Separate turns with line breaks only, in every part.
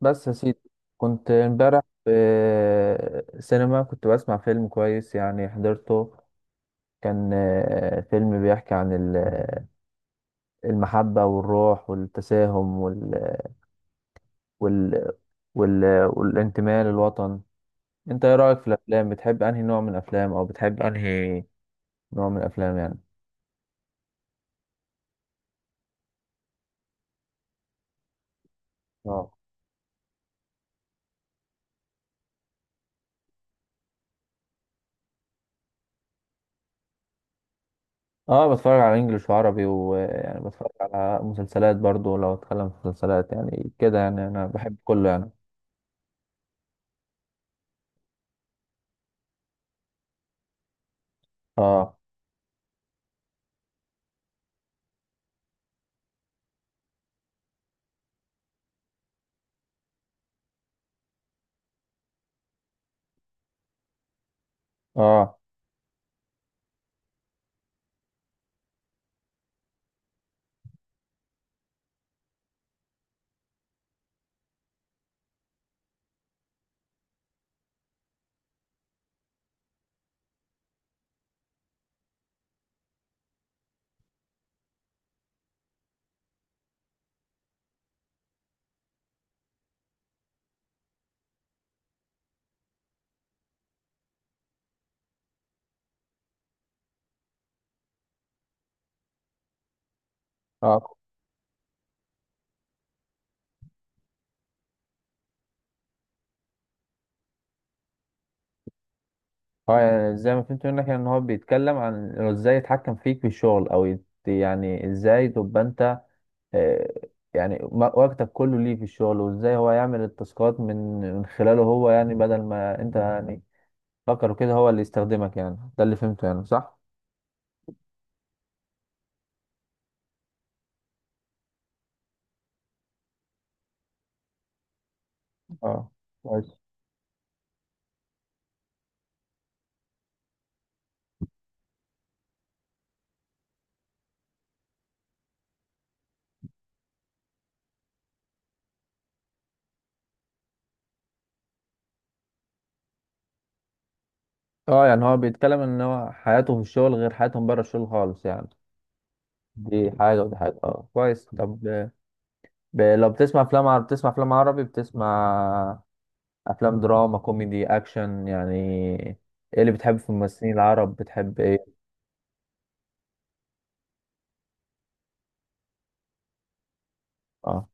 بس يا سيدي، كنت امبارح في سينما، كنت بسمع فيلم كويس يعني حضرته. كان فيلم بيحكي عن المحبة والروح والتساهم وال... وال... والانتماء للوطن. انت ايه رأيك في الافلام؟ بتحب انهي نوع من الافلام، او بتحب انهي نوع من الافلام يعني؟ اه اه بتفرج على انجليش وعربي، ويعني بتفرج على مسلسلات برضو. لو اتكلم في مسلسلات يعني كده، يعني انا بحب كله يعني. اه اه اه هو يعني زي ما فهمت منك، يعني ان هو بيتكلم عن انه ازاي يتحكم فيك في الشغل، او يعني ازاي تبقى انت آه، يعني وقتك كله ليه في الشغل، وازاي هو يعمل التاسكات من خلاله هو، يعني بدل ما انت يعني فكر كده هو اللي يستخدمك. يعني ده اللي فهمته، يعني صح؟ اه كويس. اه يعني هو بيتكلم ان هو حياته في الشغل غير حياتهم بره الشغل خالص يعني، دي حاجة ودي حاجة. اه كويس. طب لو بتسمع افلام عربي، بتسمع افلام عربي، بتسمع افلام دراما، كوميدي، اكشن يعني، ايه اللي بتحب في الممثلين العرب؟ بتحب ايه؟ اه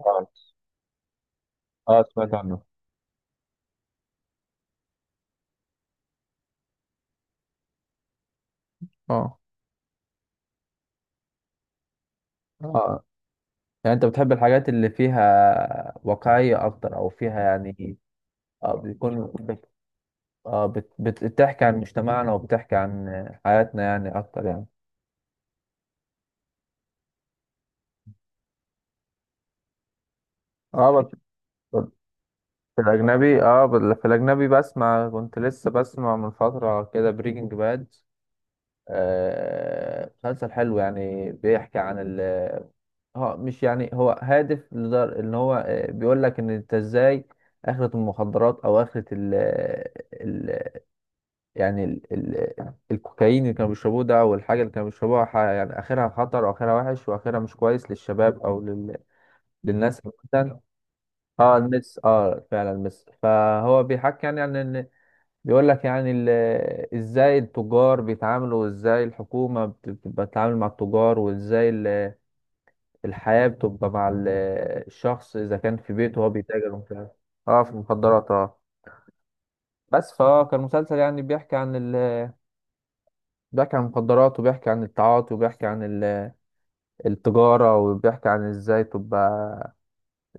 اه. سمعت عنه. اه اه. يعني انت بتحب الحاجات اللي فيها واقعية اكتر، او فيها يعني، اه بيكون بت... اه بت... بت... بتحكي عن مجتمعنا وبتحكي عن حياتنا يعني اكتر يعني. اه بس. في الأجنبي، اه في الأجنبي بسمع، كنت لسه بسمع من فترة كده بريكنج باد. مسلسل حلو، يعني بيحكي عن ال اه مش يعني، هو هادف، لدر ان هو بيقول لك ان انت ازاي اخرة المخدرات، او اخرة ال ال يعني ال ال الكوكايين اللي كانوا بيشربوه ده، او الحاجة اللي كانوا بيشربوها، يعني اخرها خطر، واخرها وحش، واخرها مش كويس للشباب، او للناس عامة. اه المس اه فعلا المس، فهو بيحكي يعني عن ان، بيقول لك يعني ازاي التجار بيتعاملوا، وازاي الحكومة بتتعامل مع التجار، وازاي الحياة بتبقى مع الشخص، إذا كان في بيته هو بيتاجر وكده. اه في المخدرات اه. بس فهو كان مسلسل يعني بيحكي عن بيحكي عن المخدرات، وبيحكي عن التعاطي، وبيحكي عن التجارة، وبيحكي عن ازاي تبقى،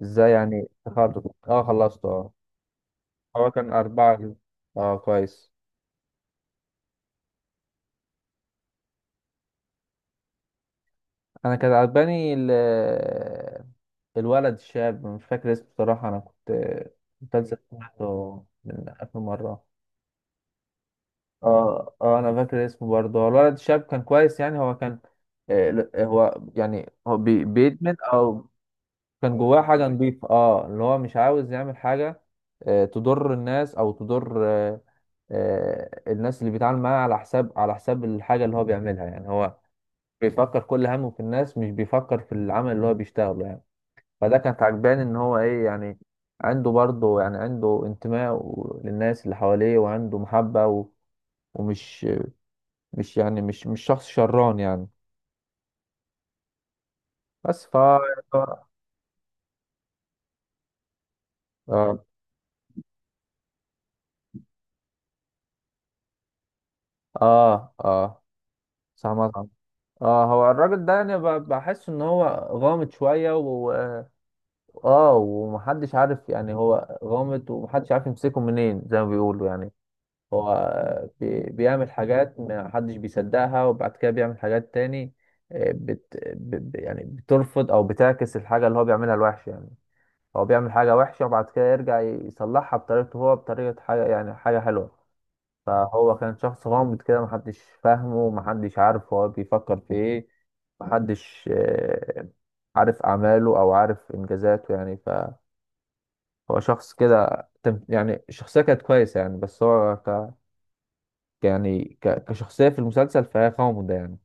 ازاي يعني تخرج. اه خلصت اه. هو كان أربعة. اه كويس. أنا كان عجباني الولد الشاب، مش فاكر اسمه بصراحة، أنا كنت مسلسل سمعته من آخر مرة. اه اه انا فاكر اسمه برضه، هو الولد الشاب كان كويس يعني، هو كان، آه لا، هو يعني هو بيدمن، او كان جواه حاجه نظيفه، اه اللي هو مش عاوز يعمل حاجه آه تضر الناس، او تضر آه آه الناس اللي بيتعامل معاها على حساب، على حساب الحاجه اللي هو بيعملها. يعني هو بيفكر كل همه في الناس، مش بيفكر في العمل اللي هو بيشتغله يعني. فده كانت عجباني، ان هو ايه يعني، عنده برضه يعني عنده انتماء للناس اللي حواليه، وعنده محبه و... ومش مش يعني مش مش شخص شران يعني. بس ف اه اه اه. سامع سامع. اه هو الراجل ده يعني بحس ان هو غامض شويه و، اه ومحدش عارف، يعني هو غامض ومحدش عارف يمسكه منين زي ما بيقولوا يعني. هو بيعمل حاجات محدش بيصدقها، وبعد كده بيعمل حاجات تاني يعني بترفض او بتعكس الحاجه اللي هو بيعملها الوحشه يعني. هو بيعمل حاجه وحشه، وبعد كده يرجع يصلحها بطريقته هو، بطريقه حاجه يعني حاجه حلوه. فهو كان شخص غامض كده، محدش فاهمه، محدش عارف هو بيفكر في ايه، محدش عارف أعماله، أو عارف إنجازاته يعني. فهو شخص كده، يعني الشخصية كانت كويسة يعني. بس هو كشخصية في المسلسل فهي غامضة يعني.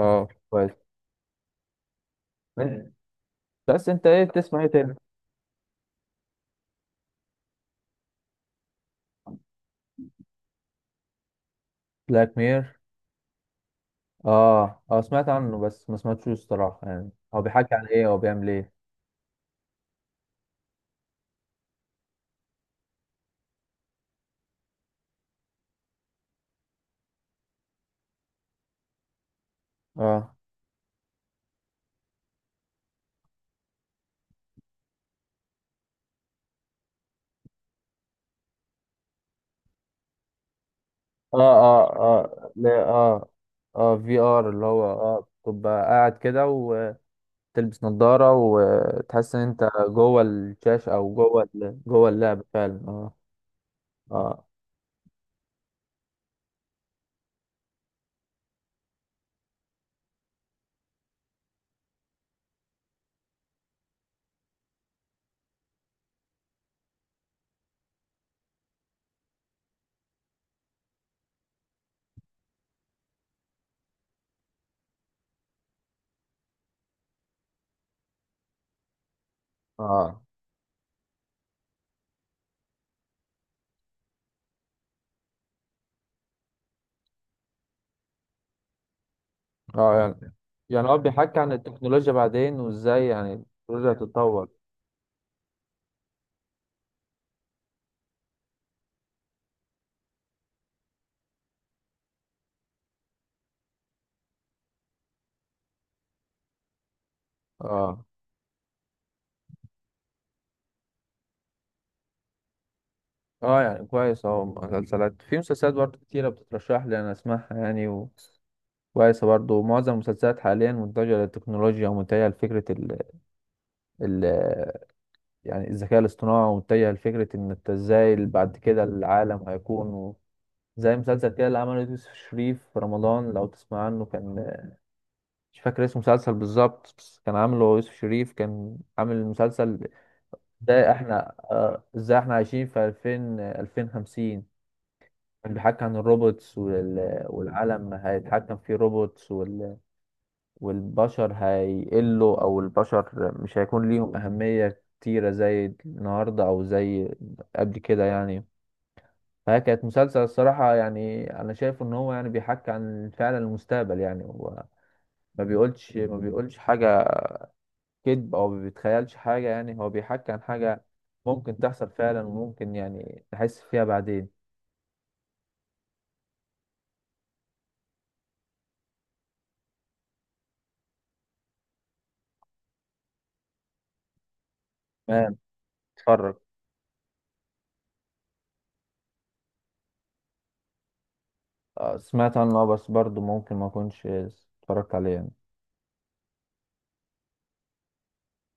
اه كويس. من- بس أنت إيه بتسمع إيه تاني؟ بلاك مير؟ آه آه سمعت عنه، بس ما سمعتوش الصراحة يعني. هو بيحكي عن إيه؟ هو بيعمل إيه؟ اه اه اه اه لا اه. اه في ار، اللي هو اه تبقى قاعد كده، وتلبس نظارة، وتحس ان انت جوه الشاشة، او جوه جوه اللعبة فعلا اه. اه اه اه يعني، يعني هو بيحكي عن التكنولوجيا بعدين، وازاي يعني التكنولوجيا هتتطور. اه اه. يعني كويس اهو، مسلسلات في مسلسلات برضه كتيرة بتترشح لي انا اسمعها يعني، وكويسة برضه. معظم المسلسلات حاليا متجهة للتكنولوجيا، ومتجهة لفكرة ال... يعني الذكاء الاصطناعي، ومتجه لفكرة إن أنت إزاي بعد كده العالم هيكون، زي مسلسل كده اللي عمله يوسف شريف في رمضان لو تسمع عنه. كان مش فاكر اسم المسلسل بالظبط، بس كان عامله يوسف شريف، كان عامل مسلسل إزاي إحنا، إزاي إحنا عايشين في 2000 2050. كان بيحكي عن الروبوتس والعالم هيتحكم فيه روبوتس، والبشر هيقلوا، او البشر مش هيكون ليهم اهمية كتيرة زي النهاردة، او زي قبل كده يعني. فهي كانت مسلسل الصراحة يعني، انا شايف ان هو يعني بيحكي عن فعلا المستقبل يعني. هو ما بيقولش حاجة كذب، او ما بيتخيلش حاجة، يعني هو بيحكي عن حاجة ممكن تحصل فعلا، وممكن يعني تحس فيها بعدين. تمام اتفرج. سمعت عنه. بس برضه ممكن ما اكونش اتفرجت عليه يعني.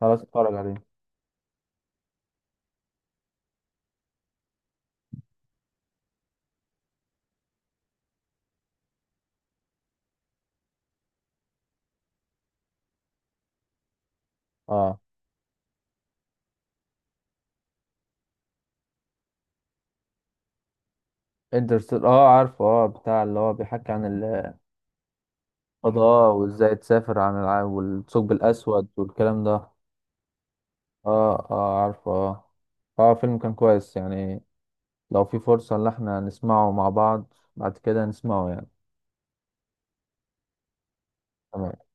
خلاص اتفرج عليه. اه انترستيلر، اه عارفه اه، بتاع اللي هو بيحكي عن الفضاء، وازاي تسافر عن العالم، والثقب الاسود والكلام ده. اه اه عارفه اه. اه فيلم كان كويس يعني، لو في فرصة ان احنا نسمعه مع بعض بعد كده نسمعه يعني. تمام.